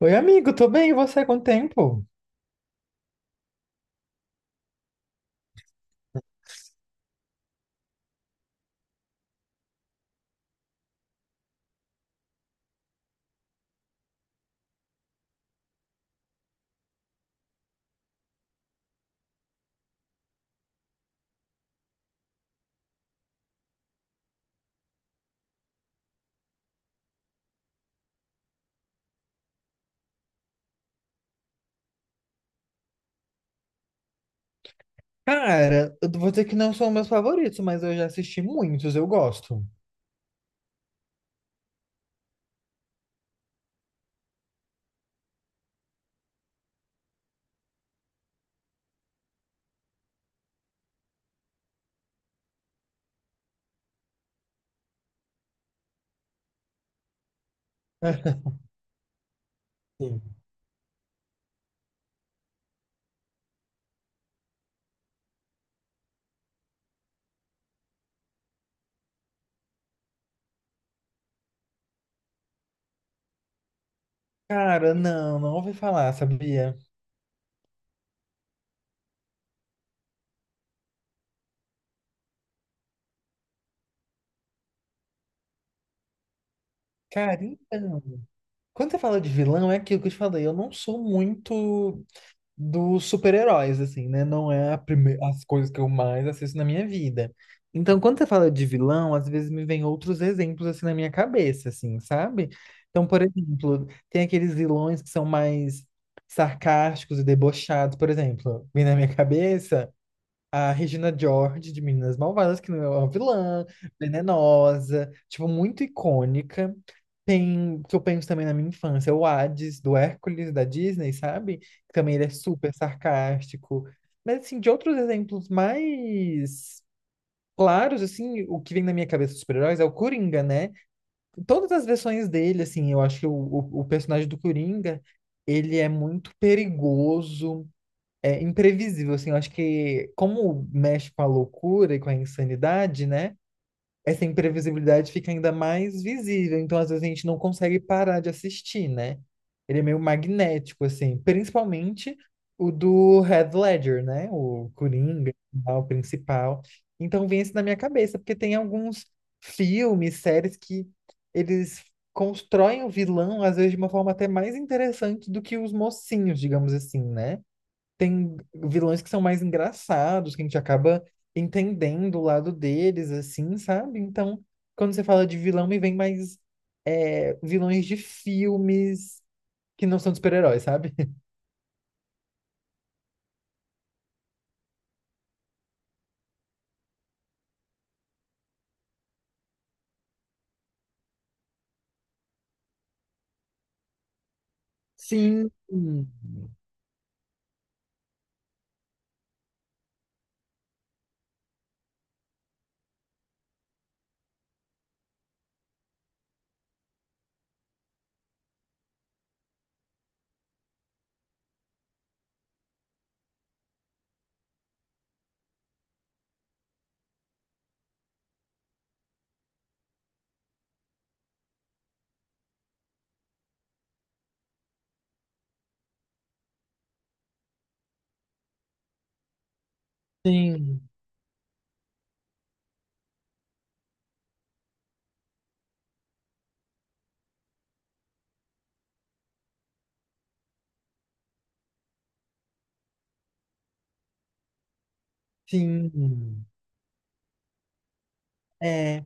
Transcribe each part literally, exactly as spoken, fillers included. Oi, amigo, tô bem, e você com o tempo? Cara, eu vou dizer que não são meus favoritos, mas eu já assisti muitos, eu gosto. Sim. Cara, não, não ouvi falar, sabia? Cara, então, quando você fala de vilão, é aquilo que eu te falei, eu não sou muito. Dos super-heróis, assim, né? Não é a prime- as coisas que eu mais assisto na minha vida. Então, quando você fala de vilão, às vezes me vem outros exemplos, assim, na minha cabeça, assim, sabe? Então, por exemplo, tem aqueles vilões que são mais sarcásticos e debochados, por exemplo, vem na minha cabeça a Regina George de Meninas Malvadas, que não é uma vilã, venenosa, tipo, muito icônica. Tem, que eu penso também na minha infância, o Hades, do Hércules, da Disney, sabe? Que também ele é super sarcástico. Mas, assim, de outros exemplos mais claros, assim, o que vem na minha cabeça dos super-heróis é o Coringa, né? Todas as versões dele, assim, eu acho que o, o, o personagem do Coringa, ele é muito perigoso, é imprevisível, assim, eu acho que como mexe com a loucura e com a insanidade, né? Essa imprevisibilidade fica ainda mais visível, então às vezes a gente não consegue parar de assistir, né? Ele é meio magnético, assim, principalmente o do Heath Ledger, né? O Coringa, né, o principal. Então vem isso na minha cabeça, porque tem alguns filmes, séries que eles constroem o vilão, às vezes, de uma forma até mais interessante do que os mocinhos, digamos assim, né? Tem vilões que são mais engraçados, que a gente acaba entendendo o lado deles, assim, sabe? Então, quando você fala de vilão, me vem mais é, vilões de filmes que não são de super-heróis, sabe? Sim, sim, sim. É.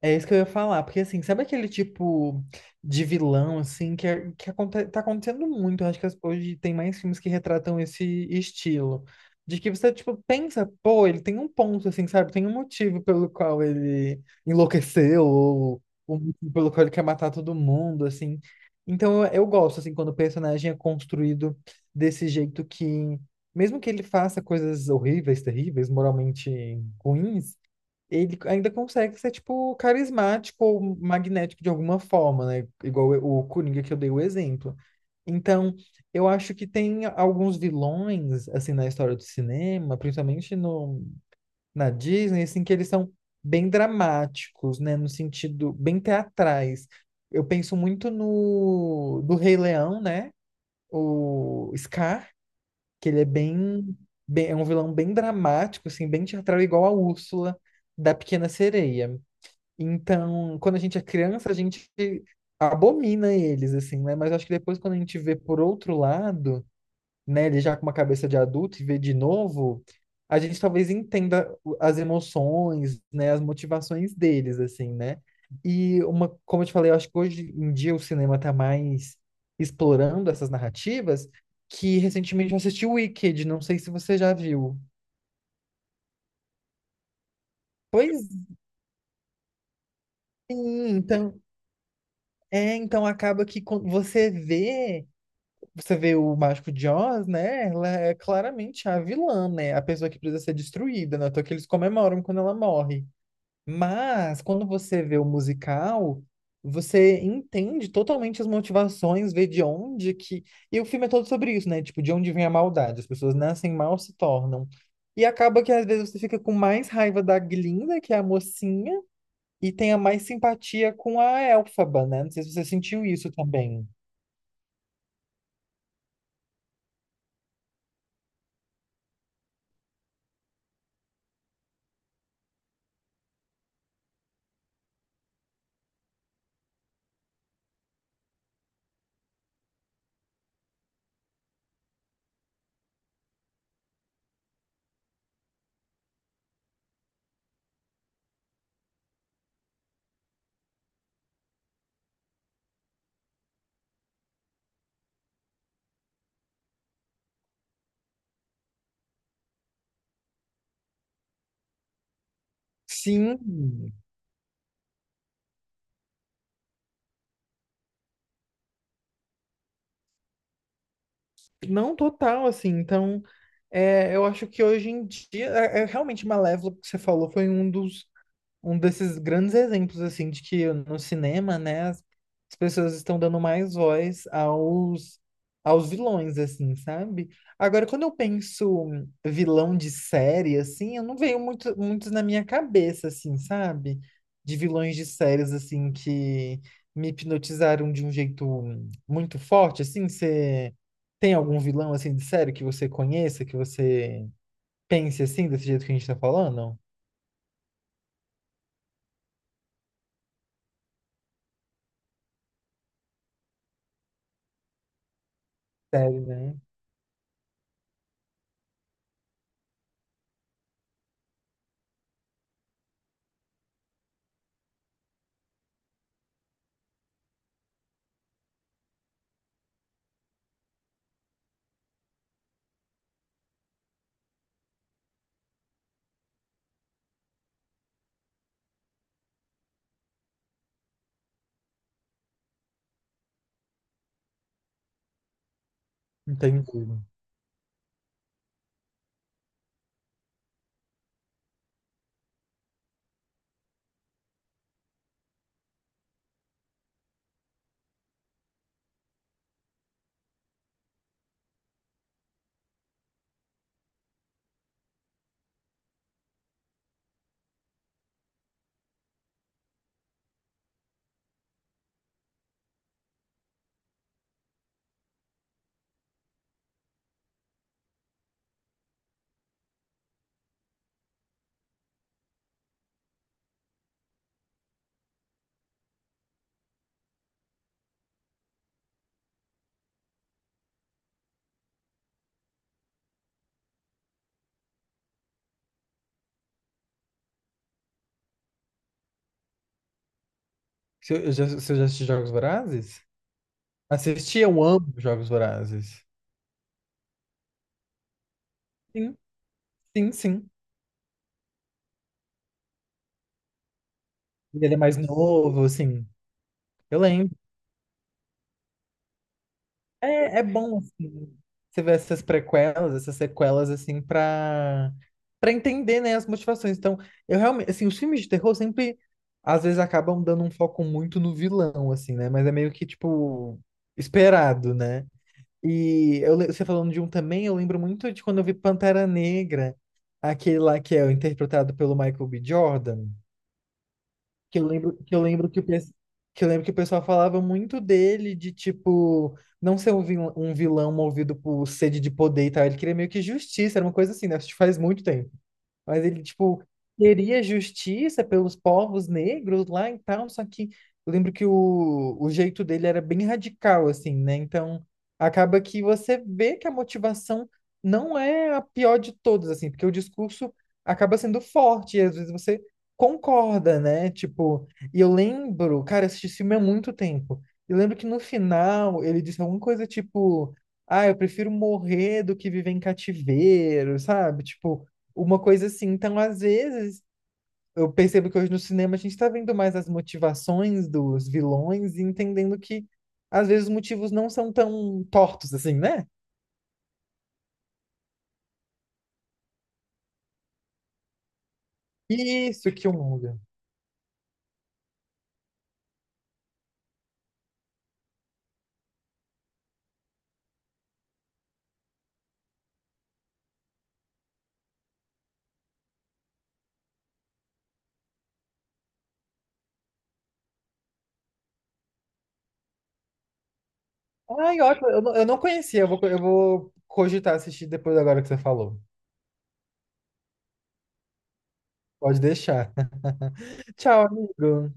É isso que eu ia falar, porque assim, sabe aquele tipo de vilão, assim, que, é- que aconte- tá acontecendo muito, eu acho que as- hoje tem mais filmes que retratam esse estilo, de que você, tipo, pensa, pô, ele tem um ponto, assim, sabe, tem um motivo pelo qual ele enlouqueceu, ou um motivo pelo qual ele quer matar todo mundo, assim, então eu, eu gosto, assim, quando o personagem é construído desse jeito que, mesmo que ele faça coisas horríveis, terríveis, moralmente ruins, ele ainda consegue ser, tipo, carismático ou magnético de alguma forma, né? Igual o Coringa que eu dei o exemplo. Então, eu acho que tem alguns vilões, assim, na história do cinema, principalmente no, na Disney, assim, que eles são bem dramáticos, né? No sentido, bem teatrais. Eu penso muito no do Rei Leão, né? O Scar, que ele é bem, bem, é um vilão bem dramático, assim, bem teatral, igual a Úrsula da Pequena Sereia. Então, quando a gente é criança, a gente abomina eles, assim, né? Mas acho que depois, quando a gente vê por outro lado, né, ele já com uma cabeça de adulto e vê de novo, a gente talvez entenda o- as emoções, né, as motivações deles, assim, né? E uma, como eu te falei, eu acho que hoje em dia o cinema tá mais explorando essas narrativas, que recentemente eu assisti Wicked, não sei se você já viu. Pois sim, então, é, então acaba que quando você vê. Você vê o Mágico de Oz, né? Ela é claramente a vilã, né? A pessoa que precisa ser destruída, né? Então que eles comemoram quando ela morre. Mas quando você vê o musical, você entende totalmente as motivações, vê de onde que. E o filme é todo sobre isso, né? Tipo, de onde vem a maldade. As pessoas nascem mal, se tornam. E acaba que às vezes você fica com mais raiva da Glinda, que é a mocinha, e tenha mais simpatia com a Elphaba, né? Não sei se você sentiu isso também. Sim. Não total, assim. Então, é, eu acho que hoje em dia, é, é realmente Malévola, que você falou, foi um dos um desses grandes exemplos, assim, de que no cinema, né, as, as pessoas estão dando mais voz aos, aos vilões, assim, sabe? Agora, quando eu penso hum, vilão de série, assim, eu não vejo muito, muitos na minha cabeça, assim, sabe? De vilões de séries, assim, que me hipnotizaram de um jeito hum, muito forte, assim, você tem algum vilão, assim, de série que você conheça, que você pense, assim, desse jeito que a gente tá falando? Sério, né? Entendi. Se eu- já- Você já assistiu Jogos Vorazes? Assisti, eu amo Jogos Vorazes. Sim, sim, sim. Ele é mais novo, assim. Eu lembro. É, é bom, assim, você ver essas prequelas, essas sequelas, assim, pra, pra entender, né, as motivações. Então, eu realmente, assim, os filmes de terror sempre, às vezes, acabam dando um foco muito no vilão, assim, né? Mas é meio que, tipo, esperado, né? E eu le- você falando de um também, eu lembro muito de quando eu vi Pantera Negra, aquele lá que é interpretado pelo Michael B. Jordan, que eu lembro que eu lembro que o, pes- que eu lembro que o pessoal falava muito dele de tipo não ser um vil- um vilão movido por sede de poder e tal, ele queria meio que justiça, era uma coisa assim, né? Isso faz muito tempo. Mas ele, tipo, queria justiça pelos povos negros lá e tal, só que eu lembro que o, o jeito dele era bem radical, assim, né? Então, acaba que você vê que a motivação não é a pior de todas, assim, porque o discurso acaba sendo forte e às vezes você concorda, né? Tipo, e eu lembro, cara, eu assisti esse filme há muito tempo. Eu lembro que no final ele disse alguma coisa tipo, ah, eu prefiro morrer do que viver em cativeiro, sabe? Tipo, uma coisa assim. Então, às vezes, eu percebo que hoje no cinema a gente está vendo mais as motivações dos vilões e entendendo que, às vezes, os motivos não são tão tortos assim, né? Isso, Killmonger. Ai, ótimo. Eu, não- eu não conhecia. Eu vou, eu vou cogitar assistir depois agora que você falou. Pode deixar. Tchau, amigo.